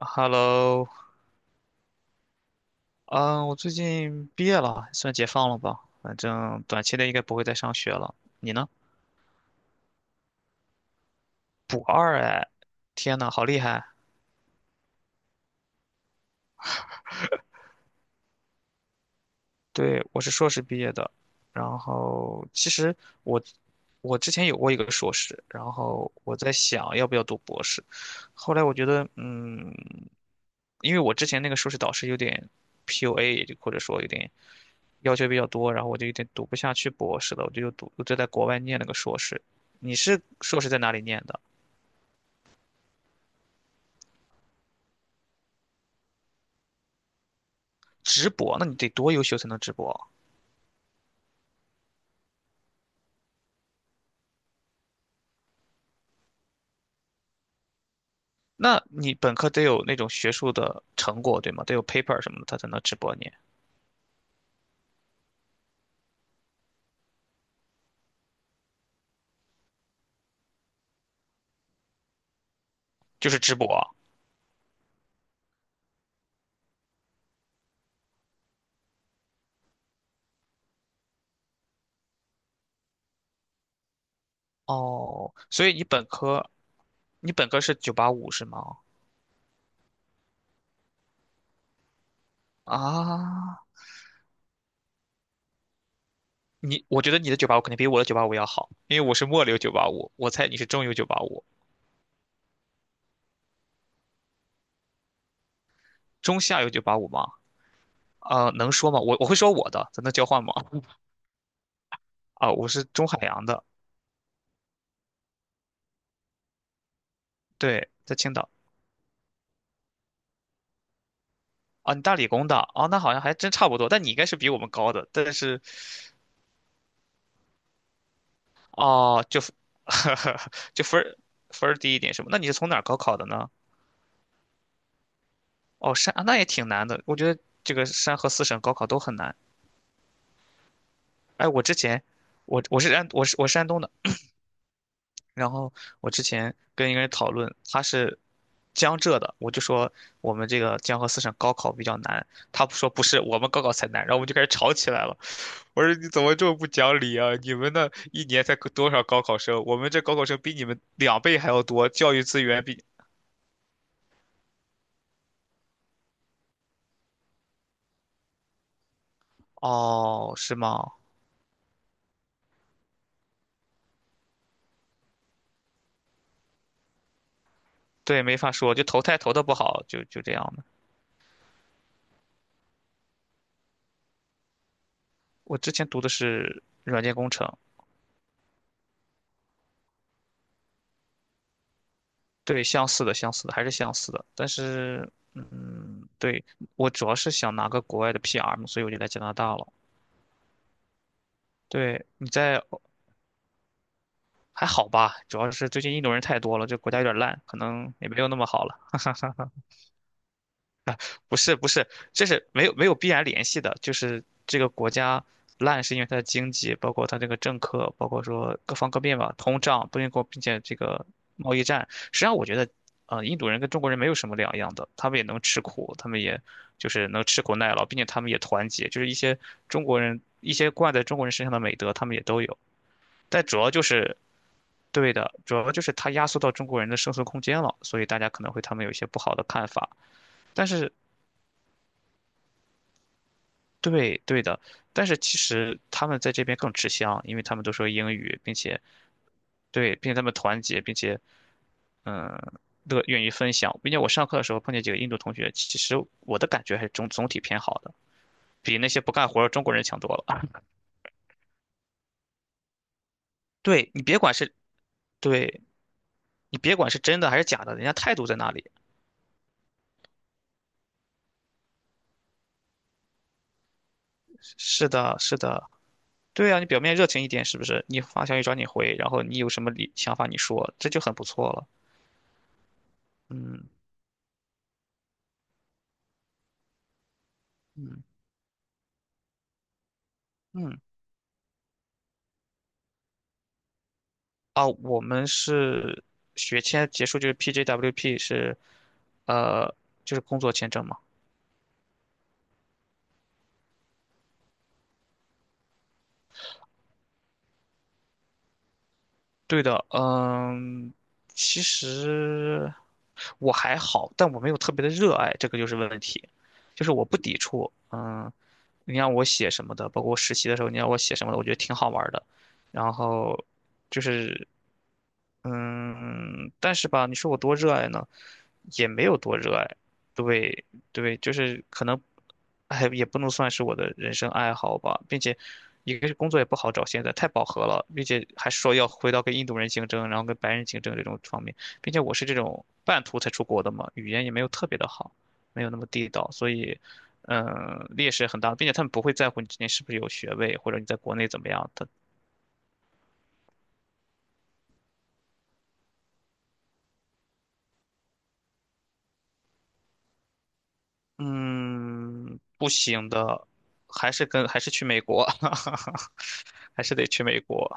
Hello，嗯，我最近毕业了，算解放了吧？反正短期内应该不会再上学了。你呢？补二哎，天呐，好厉害！对，我是硕士毕业的，然后其实我我之前有过一个硕士，然后我在想要不要读博士，后来我觉得，因为我之前那个硕士导师有点 PUA，或者说有点要求比较多，然后我就有点读不下去博士了，我就在国外念了个硕士。你是硕士在哪里念的？直博，那你得多优秀才能直博啊。那你本科得有那种学术的成果，对吗？得有 paper 什么的，他才能直博你，就是直博啊。哦，所以你本科，你本科是九八五是吗？啊，我觉得你的九八五肯定比我的九八五要好，因为我是末流九八五，我猜你是中游九八五。中下游九八五吗？啊，能说吗？我会说我的，咱能交换吗？啊，我是中海洋的，对，在青岛。啊，你大理工的，哦，那好像还真差不多，但你应该是比我们高的，但是，哦，就分儿低一点是吗？那你是从哪儿高考的呢？哦，那也挺难的，我觉得这个山河四省高考都很难。哎，我之前，我我是安我是我是山东的，然后我之前跟一个人讨论，他是江浙的，我就说我们这个江河四省高考比较难，他不说不是，我们高考才难，然后我们就开始吵起来了。我说你怎么这么不讲理啊？你们那一年才多少高考生？我们这高考生比你们两倍还要多，教育资源比……哦，是吗？对，没法说，就投胎投的不好，就这样的。我之前读的是软件工程，对，相似的，相似的，还是相似的。但是，对，我主要是想拿个国外的 PR 嘛，所以我就来加拿大了。对，还好吧？主要是最近印度人太多了，这国家有点烂，可能也没有那么好了。不是不是，这是没有没有必然联系的，就是这个国家烂是因为它的经济，包括它这个政客，包括说各方各面吧，通胀，不并且并且这个贸易战。实际上，我觉得，印度人跟中国人没有什么两样的，他们也能吃苦，他们也就是能吃苦耐劳，并且他们也团结，就是一些中国人一些惯在中国人身上的美德，他们也都有。但主要就是，对的，主要就是它压缩到中国人的生存空间了，所以大家可能会他们有一些不好的看法。但是对对的，但是其实他们在这边更吃香，因为他们都说英语，并且对，并且他们团结，并且嗯，愿意分享，并且我上课的时候碰见几个印度同学，其实我的感觉还是总体偏好的，比那些不干活儿的中国人强多了。对你别管是，对你别管是真的还是假的，人家态度在那里。是的，是的，对啊，你表面热情一点，是不是？你发消息找你回，然后你有什么理想法你说，这就很不错了。嗯嗯嗯。啊，我们是学签结束就是 PJWP 是，呃，就是工作签证嘛。对的，其实我还好，但我没有特别的热爱，这个就是问题。就是我不抵触，你让我写什么的，包括我实习的时候，你让我写什么的，我觉得挺好玩儿的。然后就是。但是吧，你说我多热爱呢，也没有多热爱。对，对，就是可能，哎，也不能算是我的人生爱好吧，并且，一个是工作也不好找，现在太饱和了，并且还说要回到跟印度人竞争，然后跟白人竞争这种方面，并且我是这种半途才出国的嘛，语言也没有特别的好，没有那么地道，所以，劣势很大，并且他们不会在乎你之前是不是有学位，或者你在国内怎么样，的。嗯，不行的，还是去美国，还是得去美国。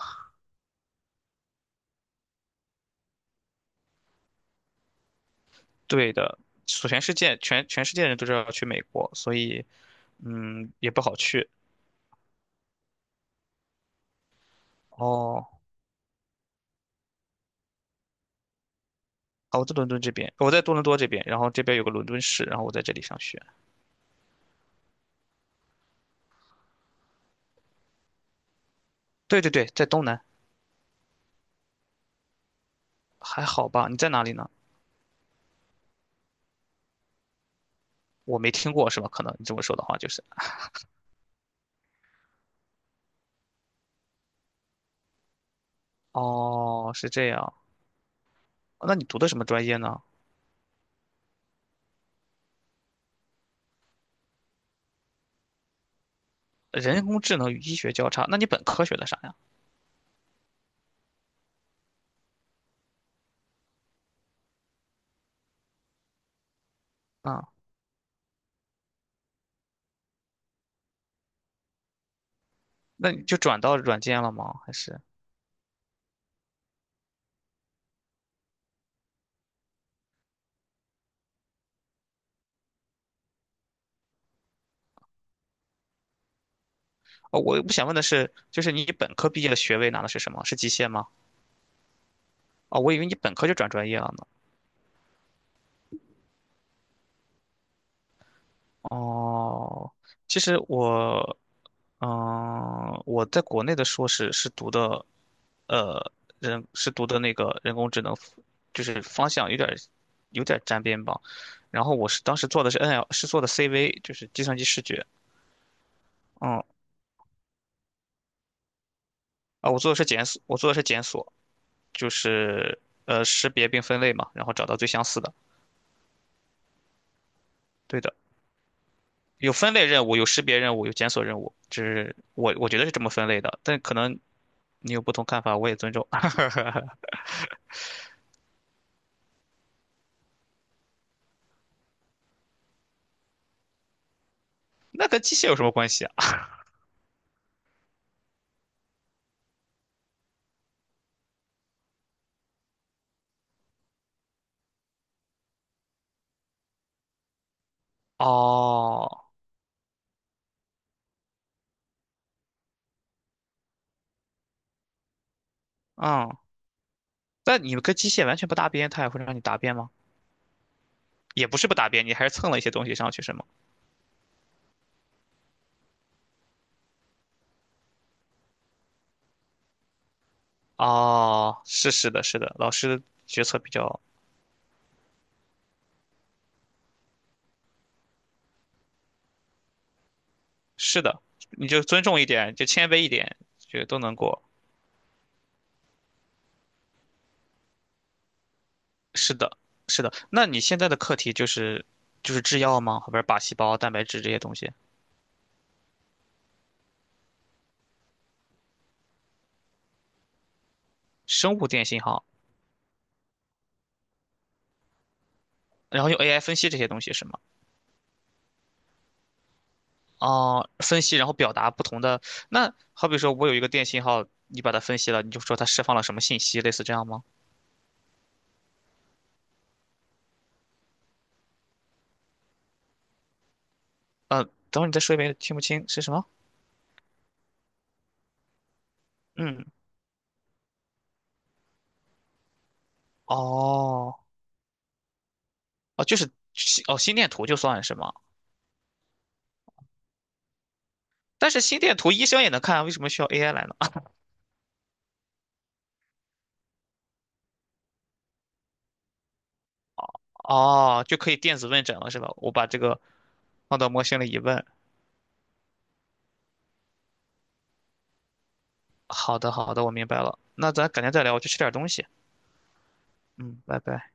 对的，所全世界全全世界人都知道要去美国，所以也不好去。哦，啊，我在多伦多这边，然后这边有个伦敦市，然后我在这里上学。对对对，在东南，还好吧？你在哪里呢？我没听过是吧？可能你这么说的话就是，哦，是这样。哦那你读的什么专业呢？人工智能与医学交叉，那你本科学的啥呀？啊。那你就转到软件了吗？还是？哦，我想问的是，就是你本科毕业的学位拿的是什么？是机械吗？哦，我以为你本科就转专业了呢。哦，其实我，我在国内的硕士是读的，呃，是读的那个人工智能，就是方向有点沾边吧。然后我是当时做的是 NL，是做的 CV，就是计算机视觉。嗯，啊，我做的是检索，我做的是检索，就是识别并分类嘛，然后找到最相似的。对的，有分类任务，有识别任务，有检索任务，这是我觉得是这么分类的，但可能你有不同看法，我也尊重。那跟机械有什么关系啊？哦，嗯，但你们跟机械完全不搭边，它也会让你答辩吗？也不是不答辩，你还是蹭了一些东西上去是吗？哦，是的，是的，老师决策比较是的，你就尊重一点，就谦卑一点，就都能过。是的，是的，那你现在的课题就是制药吗？后边靶细胞、蛋白质这些东西。生物电信号，然后用 AI 分析这些东西是吗？哦，分析然后表达不同的。那好比说我有一个电信号，你把它分析了，你就说它释放了什么信息，类似这样吗？呃，等会儿你再说一遍，听不清是什么？嗯，哦，哦，就是心电图就算是吗？但是心电图医生也能看啊为什么需要 AI 来呢？哦，就可以电子问诊了是吧？我把这个放到模型里一问，好的好的，我明白了。那咱改天再聊，我去吃点东西。嗯，拜拜。